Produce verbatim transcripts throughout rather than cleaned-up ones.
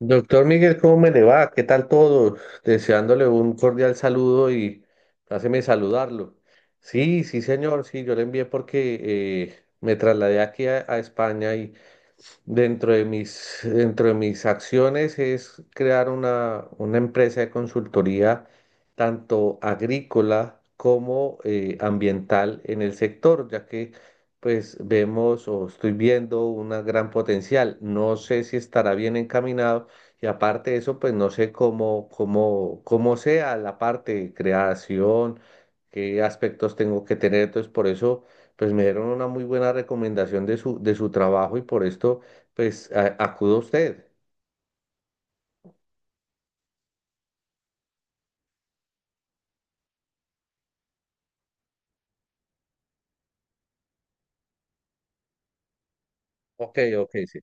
Doctor Miguel, ¿cómo me le va? ¿Qué tal todo? Deseándole un cordial saludo y háceme saludarlo. Sí, sí, señor, sí, yo le envié porque eh, me trasladé aquí a, a España y Dentro de mis, dentro de mis acciones es crear una, una empresa de consultoría tanto agrícola como eh, ambiental en el sector, ya que pues vemos o estoy viendo un gran potencial. No sé si estará bien encaminado y aparte de eso, pues no sé cómo, cómo, cómo sea la parte de creación, qué aspectos tengo que tener. Entonces, por eso, pues me dieron una muy buena recomendación de su, de su trabajo y por esto pues a- acuda usted. Ok, ok, sí.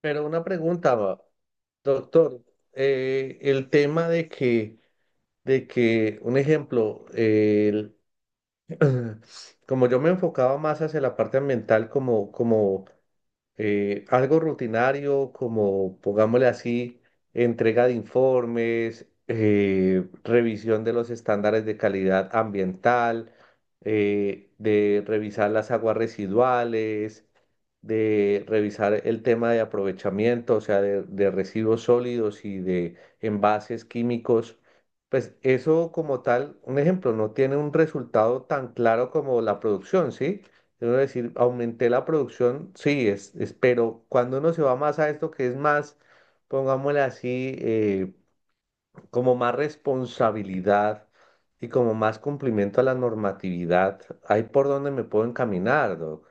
Pero una pregunta, va, doctor, eh, el tema de que, de que, un ejemplo, el- como yo me enfocaba más hacia la parte ambiental, como, como eh, algo rutinario como, pongámosle así, entrega de informes, eh, revisión de los estándares de calidad ambiental, eh, de revisar las aguas residuales, de revisar el tema de aprovechamiento, o sea, de, de residuos sólidos y de envases químicos. Pues eso como tal, un ejemplo, no tiene un resultado tan claro como la producción, ¿sí? Debo decir, aumenté la producción, sí, es, es- pero cuando uno se va más a esto que es más, pongámosle así, eh, como más responsabilidad y como más cumplimiento a la normatividad, ahí por donde me puedo encaminar, Doc.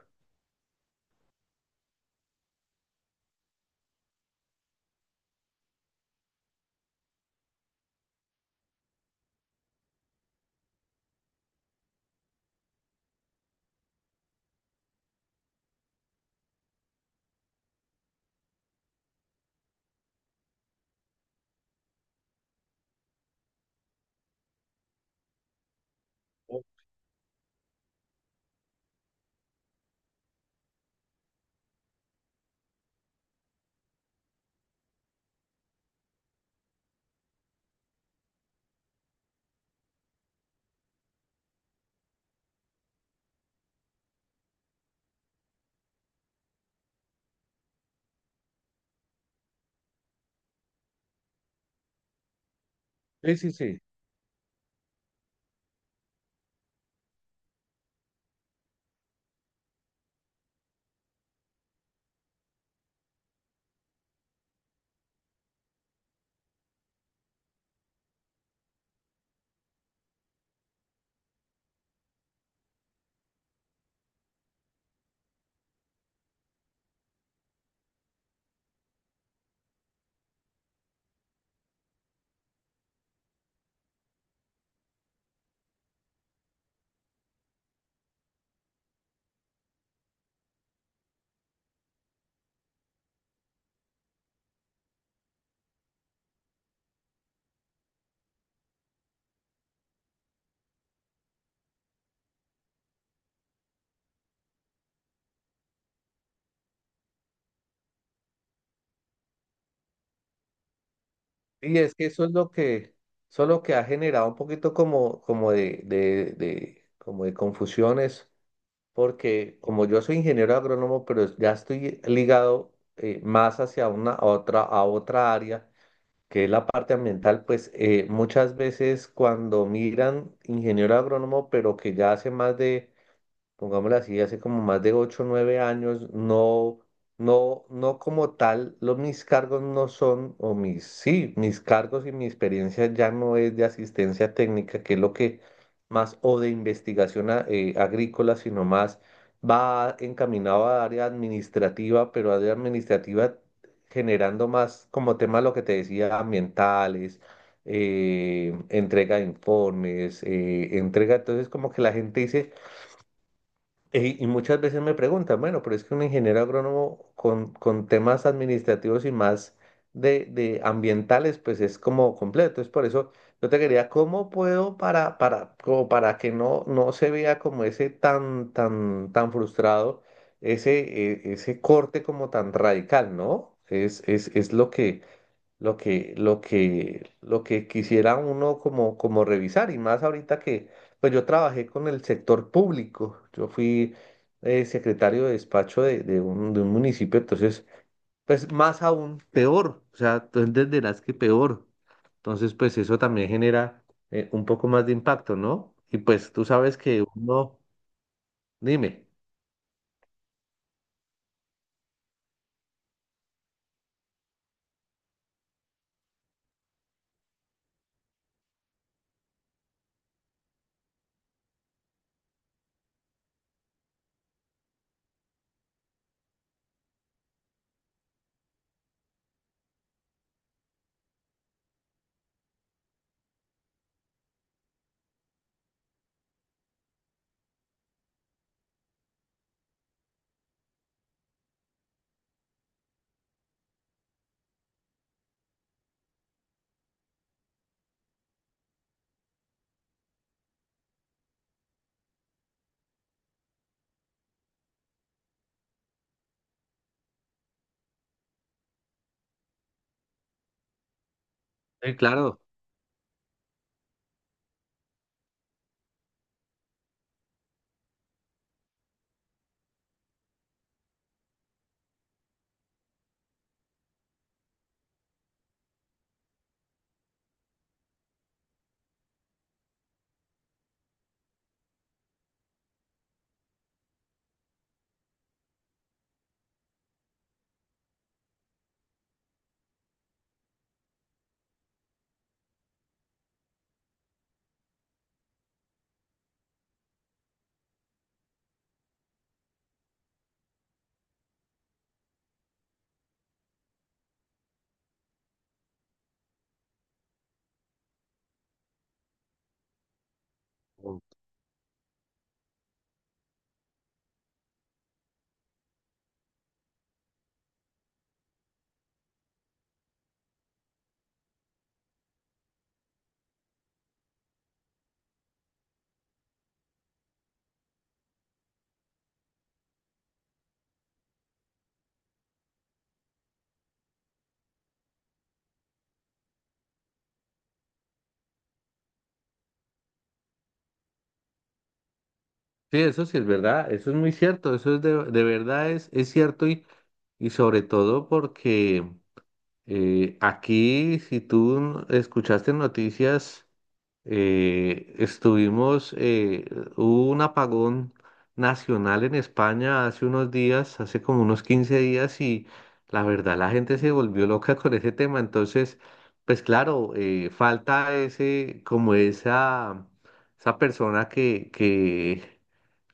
Sí, sí, sí. Y es que eso es lo que, eso es lo que ha generado un poquito como, como de, de, de- como de confusiones, porque como yo soy ingeniero agrónomo, pero ya estoy ligado eh, más hacia una, a otra, a otra área que es la parte ambiental, pues eh, muchas veces cuando miran ingeniero agrónomo, pero que ya hace más de pongámoslo así, hace como más de ocho o nueve años, no, no, no como tal, los, mis cargos no son, o mis, sí, mis cargos y mi experiencia ya no es de asistencia técnica, que es lo que más, o de investigación a- eh, agrícola, sino más va encaminado a área administrativa, pero área administrativa generando más como tema lo que te decía, ambientales. Eh, entrega de informes, eh, entrega, Entonces como que la gente dice, y, y muchas veces me preguntan, bueno, pero es que un ingeniero agrónomo con, con temas administrativos y más de, de ambientales, pues es como completo. Es por eso yo te quería, ¿cómo puedo para, para, como para que no, no se vea como ese tan, tan, tan frustrado, ese, eh, ese corte como tan radical, ¿no? Es, es, es lo que, lo que, lo que, lo que quisiera uno como, como revisar, y más ahorita que, pues yo trabajé con el sector público, yo fui eh, secretario de despacho de, de un, de un municipio, entonces, pues más aún peor, o sea, tú entenderás que peor, entonces, pues eso también genera eh, un poco más de impacto, ¿no? Y pues tú sabes que uno, dime, sí, claro. Sí, eso sí es verdad, eso es muy cierto, eso es de, de verdad es, es cierto y, y sobre todo porque eh, aquí, si tú escuchaste noticias, eh, estuvimos, eh, hubo un apagón nacional en España hace unos días, hace como unos quince días y la verdad la gente se volvió loca con ese tema, entonces, pues claro, eh, falta ese, como esa, esa persona que, que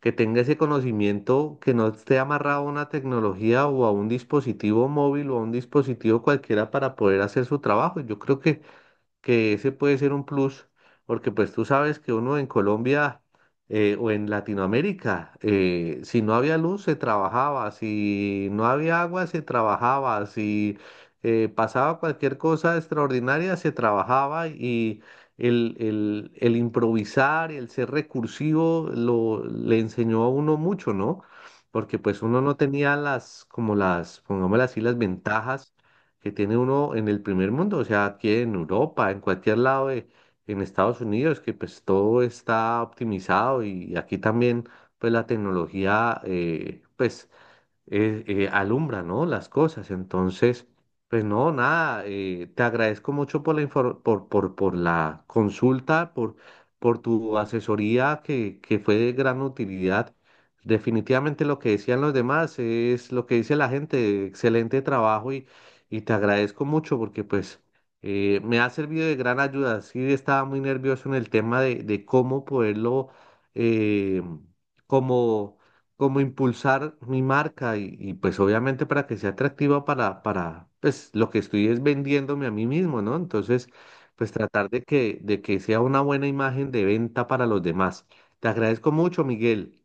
que tenga ese conocimiento, que no esté amarrado a una tecnología o a un dispositivo móvil o a un dispositivo cualquiera para poder hacer su trabajo. Yo creo que que ese puede ser un plus, porque pues tú sabes que uno en Colombia eh, o en Latinoamérica, eh, si no había luz se trabajaba, si no había agua se trabajaba, si eh, pasaba cualquier cosa extraordinaria se trabajaba y el, el, el improvisar, el ser recursivo lo, le enseñó a uno mucho, ¿no? Porque pues uno no tenía las, como las, pongámosle así, las ventajas que tiene uno en el primer mundo, o sea, aquí en Europa, en cualquier lado de- en Estados Unidos, que pues todo está optimizado y aquí también pues la tecnología eh, pues eh, eh, alumbra, ¿no? Las cosas. Entonces, pues no, nada, eh, te agradezco mucho por la infor- por, por, por la consulta, por, por tu asesoría que, que fue de gran utilidad. Definitivamente lo que decían los demás es lo que dice la gente, excelente trabajo y, y te agradezco mucho porque pues eh, me ha servido de gran ayuda. Sí, estaba muy nervioso en el tema de, de cómo poderlo, eh, como como impulsar mi marca y, y, pues obviamente para que sea atractiva para, para, pues lo que estoy es vendiéndome a mí mismo, ¿no? Entonces, pues tratar de que, de que sea una buena imagen de venta para los demás. Te agradezco mucho, Miguel.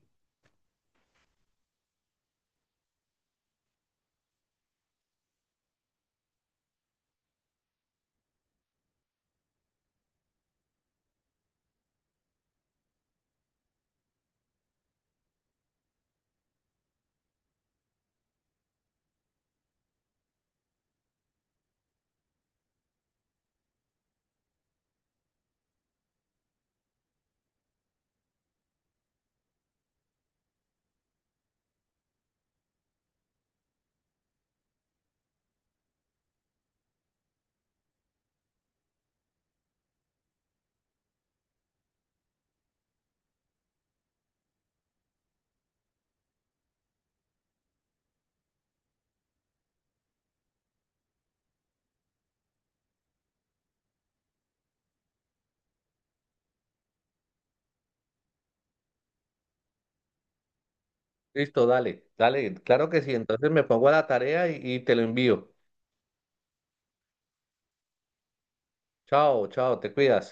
Listo, dale, dale, claro que sí. Entonces me pongo a la tarea y, y te lo envío. Chao, chao, te cuidas.